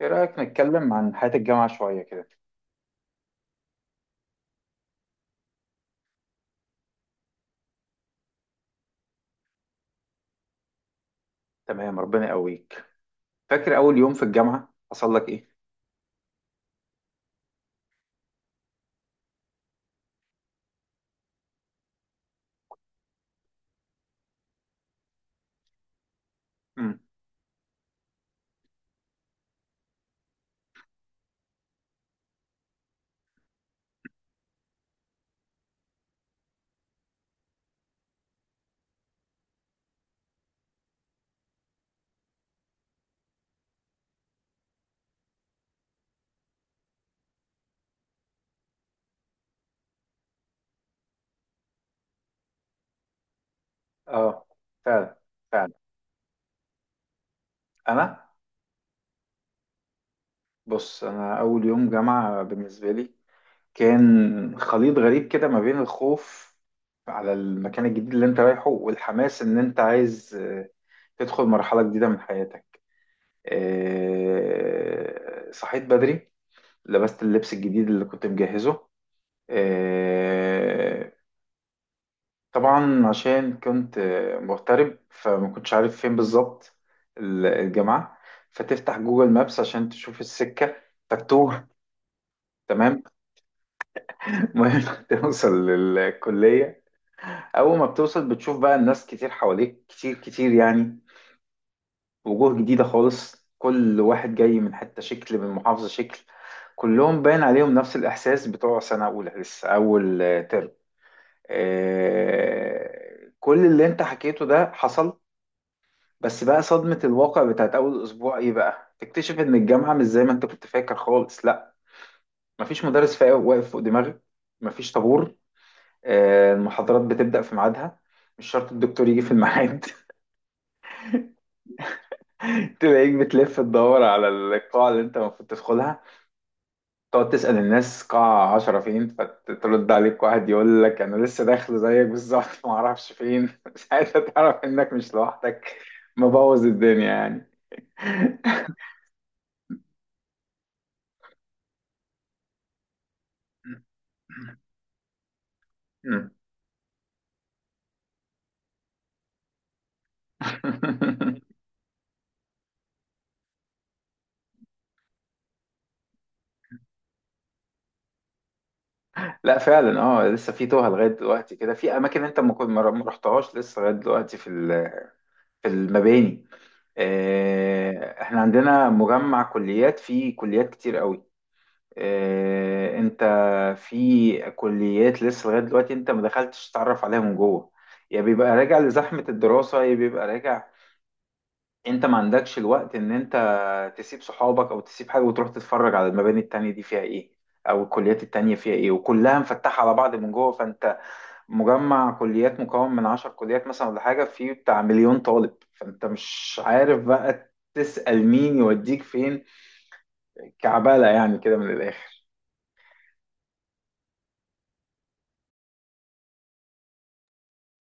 ايه رأيك نتكلم عن حياة الجامعة شوية كده؟ تمام، ربنا يقويك. فاكر اول يوم في الجامعة حصل لك ايه؟ امم. اه، فعلا. فعلا. انا. بص، انا اول يوم جامعة بالنسبة لي كان خليط غريب كده ما بين الخوف على المكان الجديد اللي انت رايحه، والحماس ان انت عايز تدخل مرحلة جديدة من حياتك. صحيت بدري، لبست اللبس الجديد اللي كنت مجهزه. آه، طبعا عشان كنت مغترب فما كنتش عارف فين بالظبط الجامعة. فتفتح جوجل مابس عشان تشوف السكة، تتوه. تمام. المهم توصل للكلية. أول ما بتوصل بتشوف بقى الناس كتير حواليك، كتير كتير يعني. وجوه جديدة خالص، كل واحد جاي من حتة شكل، من محافظة شكل. كلهم باين عليهم نفس الإحساس بتوع سنة أولى لسه أول ترم. كل اللي أنت حكيته ده حصل. بس بقى صدمة الواقع بتاعت أول أسبوع إيه بقى؟ تكتشف إن الجامعة مش زي ما أنت كنت فاكر خالص، لأ، مفيش مدرس واقف فوق دماغك، مفيش طابور، المحاضرات بتبدأ في ميعادها، مش شرط الدكتور يجي في الميعاد. تلاقيك بتلف تدور على القاعة اللي أنت المفروض تدخلها، تقعد تسأل الناس قاعة 10 فين، فترد عليك واحد يقول لك أنا لسه داخل زيك بالظبط. معرفش فين. ساعتها تعرف إنك مش لوحدك، مبوظ الدنيا يعني. لا فعلا، اه لسه في توها لغايه دلوقتي كده، في اماكن انت ما كنت ما رحتهاش لسه لغايه دلوقتي في في المباني. احنا عندنا مجمع كليات فيه كليات كتير قوي. انت في كليات لسه لغايه دلوقتي انت ما دخلتش تتعرف عليها من جوه، يا بيبقى راجع لزحمه الدراسه، يا بيبقى راجع. انت ما عندكش الوقت ان انت تسيب صحابك او تسيب حاجه وتروح تتفرج على المباني التانية دي فيها ايه، او الكليات التانية فيها ايه. وكلها مفتحه على بعض من جوه. فانت مجمع كليات مكون من 10 كليات مثلا ولا حاجه، فيه بتاع مليون طالب، فانت مش عارف بقى تسأل مين يوديك فين. كعبالة يعني كده من الاخر.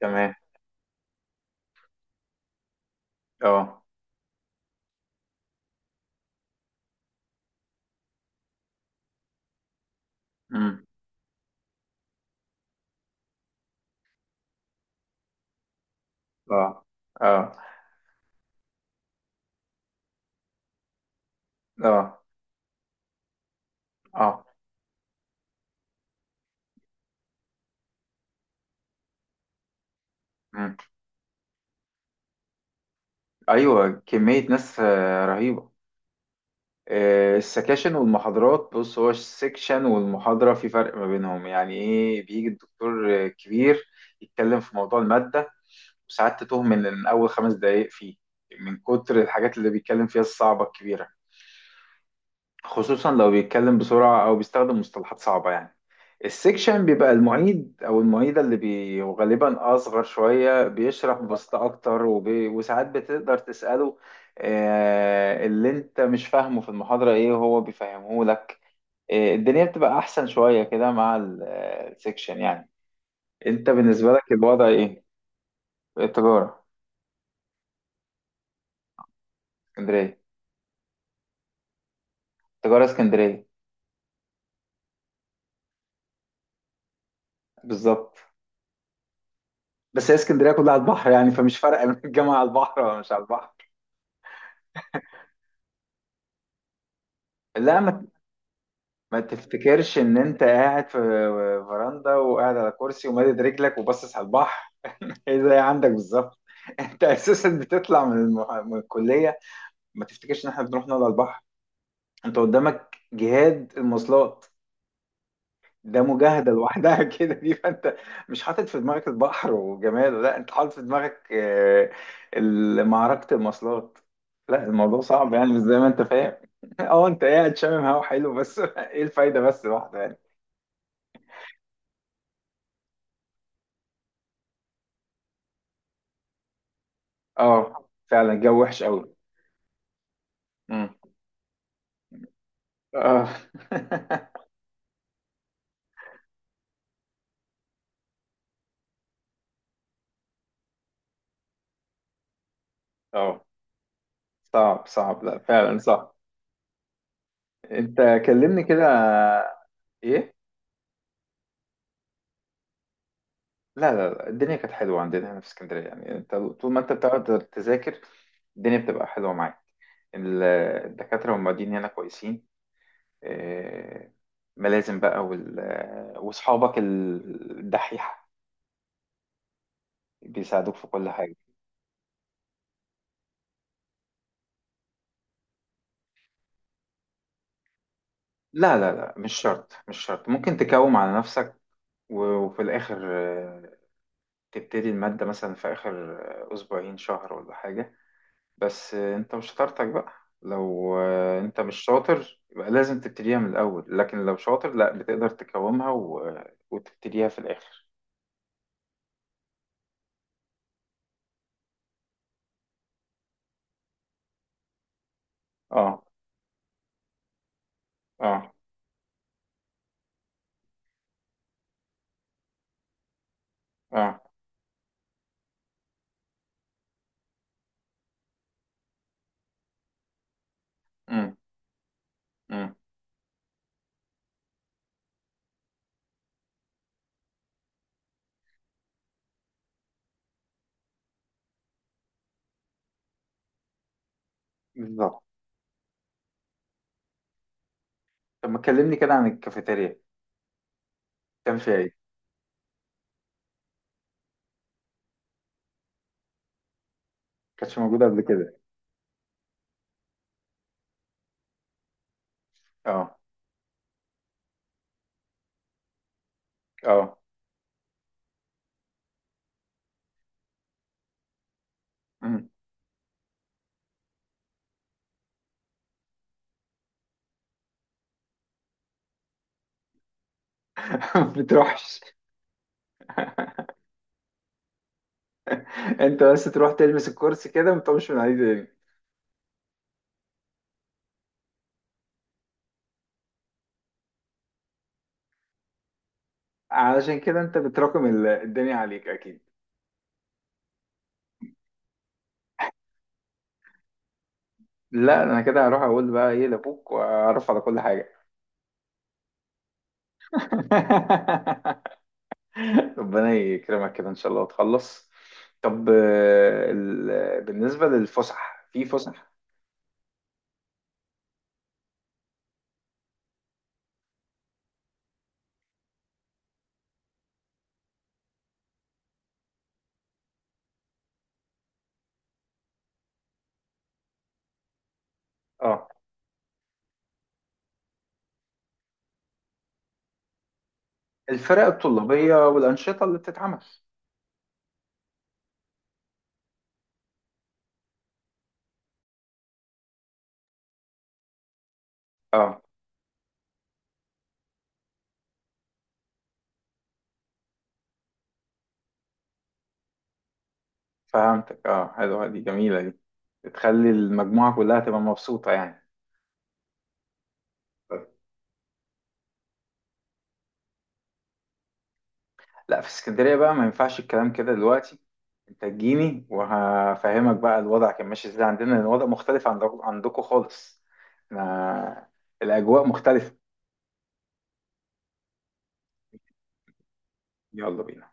تمام. اه. امم. اه. اه. اه. اه. مم. ايوه كمية ناس رهيبة. السكاشن والمحاضرات، بص، هو السكشن والمحاضرة في فرق ما بينهم. يعني ايه؟ بيجي الدكتور كبير، يتكلم في موضوع المادة، وساعات تتوه من أول 5 دقايق فيه، من كتر الحاجات اللي بيتكلم فيها الصعبة الكبيرة، خصوصا لو بيتكلم بسرعة أو بيستخدم مصطلحات صعبة يعني. السكشن بيبقى المعيد أو المعيدة اللي غالبا أصغر شوية، بيشرح ببساطة أكتر، وساعات بتقدر تسأله اللي أنت مش فاهمه في المحاضرة إيه، وهو بيفهمه لك. الدنيا بتبقى أحسن شوية كده مع السكشن يعني. أنت بالنسبة لك الوضع إيه؟ التجارة. اسكندرية. تجارة اسكندرية. بالظبط. بس هي اسكندرية كلها على البحر يعني، فمش فارقة من الجامعة على البحر ولا مش على البحر. لا، ما تفتكرش ان انت قاعد في فراندا وقاعد على كرسي ومادد رجلك وباصص على البحر. ايه ده عندك بالظبط؟ انت اساسا بتطلع من من الكليه. ما تفتكرش ان احنا بنروح نقعد على البحر. انت قدامك جهاد المواصلات، ده مجاهده لوحدها. كده دي. فانت مش حاطط في دماغك البحر وجماله، لا، انت حاطط في دماغك معركه المواصلات. لا الموضوع صعب يعني، مش زي ما انت فاهم. اه انت قاعد شامم هوا حلو بس، ايه الفايده بس لوحده يعني؟ اه فعلا الجو وحش قوي. امم. اه. اه، صعب صعب، لا فعلا صعب. انت كلمني كده. ايه؟ لا لا لا، الدنيا كانت حلوه عندنا هنا في اسكندريه يعني. انت طول ما انت بتقعد تذاكر، الدنيا بتبقى حلوه معاك. ال- الدكاتره والمعيدين هنا كويسين. آه، ملازم بقى واصحابك الدحيحه، بيساعدوك في كل حاجه. لا لا لا، مش شرط مش شرط، ممكن تكوم على نفسك و- وفي الآخر تبتدي المادة مثلا في آخر أسبوعين شهر ولا حاجة. بس أنت مش شطارتك بقى، لو أنت مش شاطر يبقى لازم تبتديها من الأول، لكن لو شاطر لا، بتقدر تقاومها وتبتديها في الآخر. اه. اه. اه. امم. امم. بالظبط. طب ما تكلمني كده عن الكافيتيريا، كان فيها ايه؟ كانتش موجودة قبل كده. اه. اه. أمم. ما بتروحش. انت بس تروح تلمس الكرسي كده وما تقومش من عليه تاني. علشان كده انت بتراكم الدنيا عليك اكيد. لا انا كده هروح اقول بقى ايه لابوك واعرف على كل حاجه. ربنا يكرمك كده ان شاء الله وتخلص. طب بالنسبه للفسح، في فسح؟ اه الفرق الطلابيه والانشطه اللي بتتعمل. اه فهمتك، اه حلوه دي، جميله دي، بتخلي المجموعه كلها تبقى مبسوطه يعني. لا في اسكندرية بقى ما ينفعش الكلام كده دلوقتي. انت تجيني وهفهمك بقى الوضع كان ماشي ازاي عندنا، لان الوضع مختلف عن عندكم خالص. احنا الاجواء مختلفة. يلا بينا.